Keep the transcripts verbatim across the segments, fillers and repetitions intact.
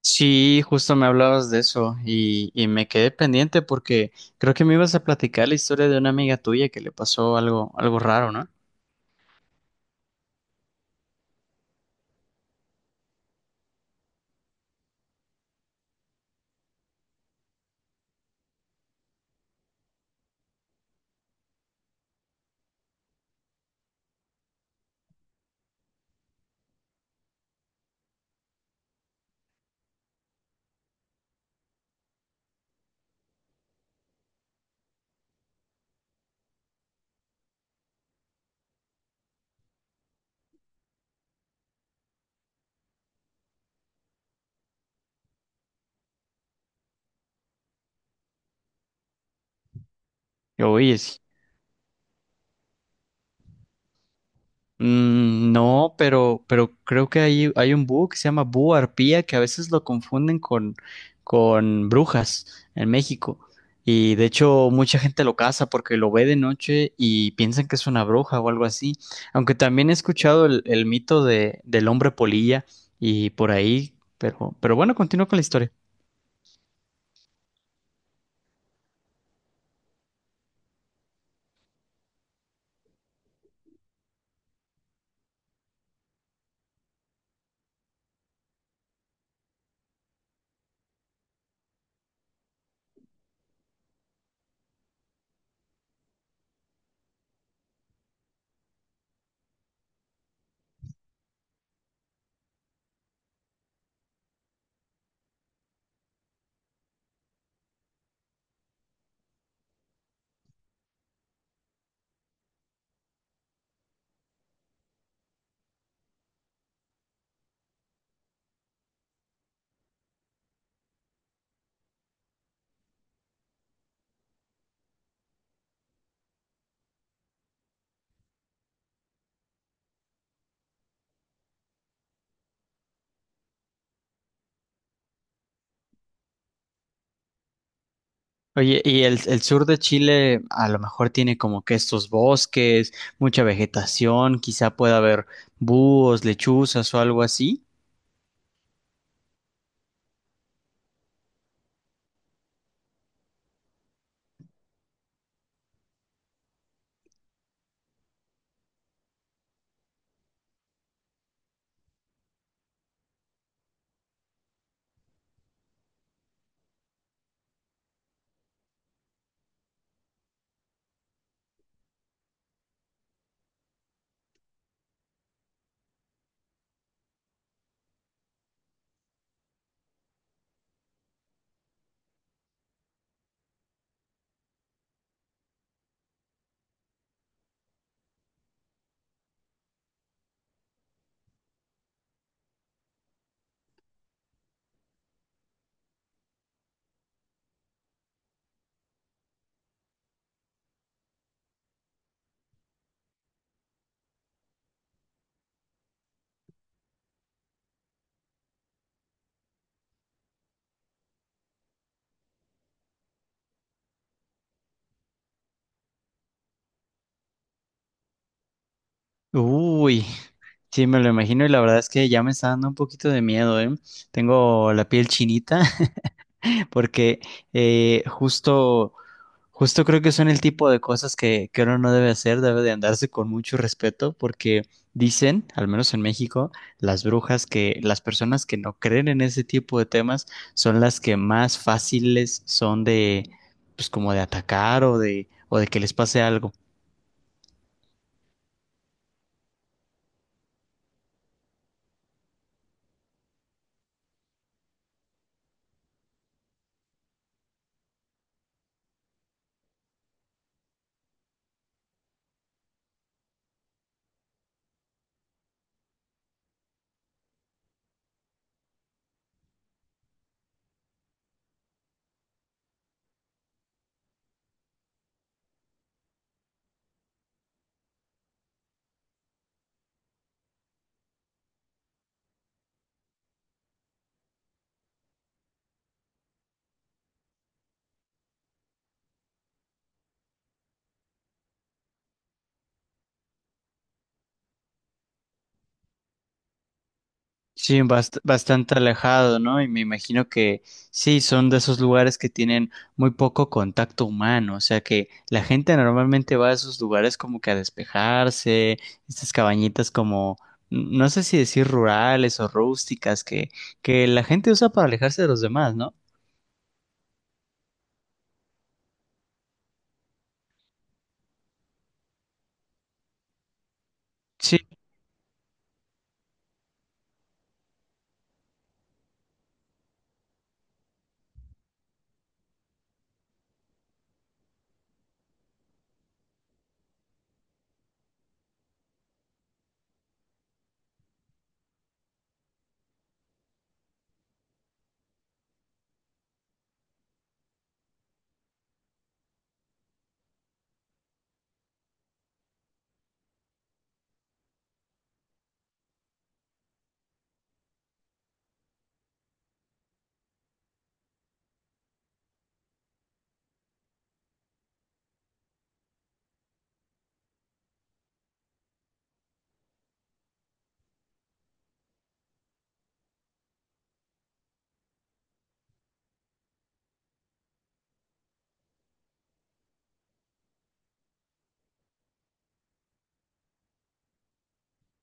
Sí, justo me hablabas de eso y, y me quedé pendiente porque creo que me ibas a platicar la historia de una amiga tuya que le pasó algo, algo raro, ¿no? Oye, sí. Mm, no, pero, pero creo que hay, hay un búho que se llama búho arpía que a veces lo confunden con, con brujas en México. Y de hecho, mucha gente lo caza porque lo ve de noche y piensan que es una bruja o algo así. Aunque también he escuchado el, el mito de, del hombre polilla y por ahí, pero, pero bueno, continúo con la historia. Oye, y el, el sur de Chile a lo mejor tiene como que estos bosques, mucha vegetación, quizá pueda haber búhos, lechuzas o algo así. Uy. Sí, me lo imagino y la verdad es que ya me está dando un poquito de miedo, ¿eh? Tengo la piel chinita porque eh, justo, justo creo que son el tipo de cosas que, que uno no debe hacer, debe de andarse con mucho respeto porque dicen, al menos en México, las brujas que las personas que no creen en ese tipo de temas son las que más fáciles son de, pues como de atacar o de, o de que les pase algo. Sí, bast- bastante alejado, ¿no? Y me imagino que sí, son de esos lugares que tienen muy poco contacto humano, o sea que la gente normalmente va a esos lugares como que a despejarse, estas cabañitas como, n- no sé si decir rurales o rústicas, que, que la gente usa para alejarse de los demás, ¿no?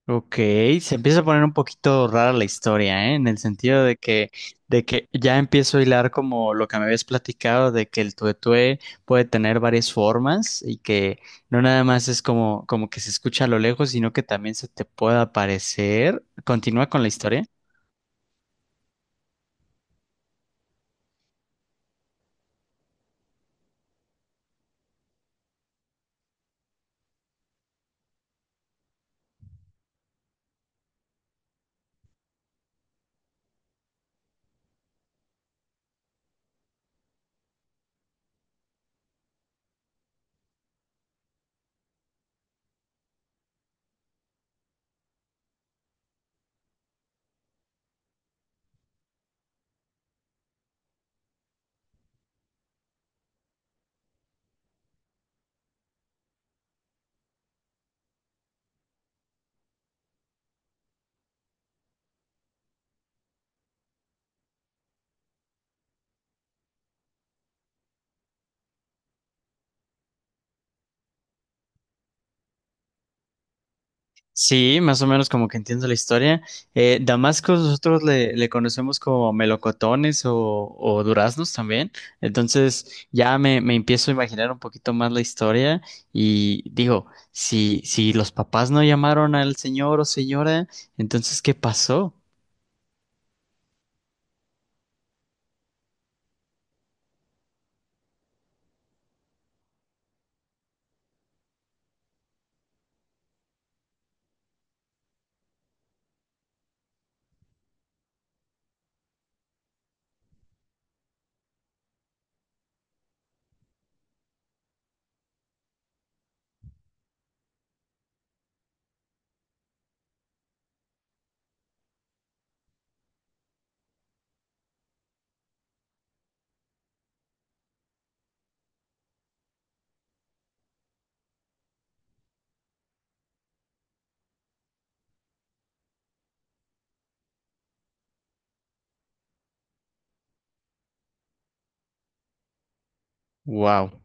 Ok, se empieza a poner un poquito rara la historia, ¿eh? En el sentido de que, de que ya empiezo a hilar como lo que me habías platicado, de que el tuetué puede tener varias formas y que no nada más es como, como que se escucha a lo lejos, sino que también se te puede aparecer. ¿Continúa con la historia? Sí, más o menos como que entiendo la historia. Eh, Damasco nosotros le, le conocemos como melocotones o, o duraznos también. Entonces ya me, me empiezo a imaginar un poquito más la historia y digo, si, si los papás no llamaron al señor o señora, entonces ¿qué pasó? Wow.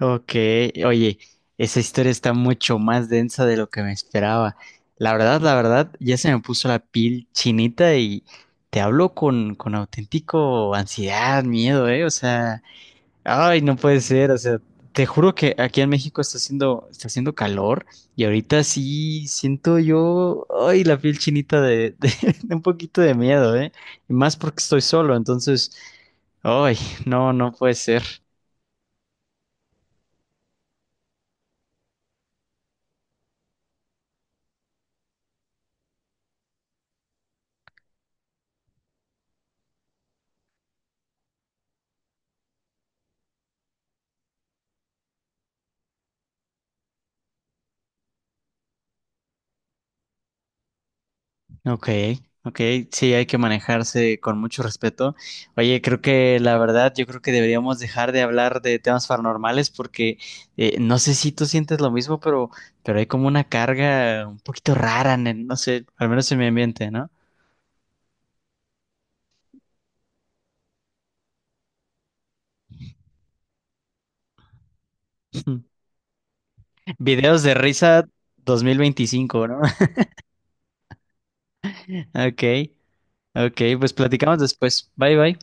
Ok, oye, esa historia está mucho más densa de lo que me esperaba. La verdad, la verdad, ya se me puso la piel chinita y te hablo con, con auténtico ansiedad, miedo, ¿eh? O sea, ay, no puede ser, o sea, te juro que aquí en México está haciendo, está haciendo calor y ahorita sí siento yo, ay, la piel chinita de, de, de un poquito de miedo, ¿eh? Y más porque estoy solo, entonces, ay, no, no puede ser. Ok, ok, sí, hay que manejarse con mucho respeto. Oye, creo que la verdad, yo creo que deberíamos dejar de hablar de temas paranormales porque eh, no sé si tú sientes lo mismo, pero, pero hay como una carga un poquito rara en el- no sé, al menos en mi ambiente, ¿no? Videos de risa dos mil veinticinco, ¿no? Ok, ok, pues platicamos después. Bye, bye.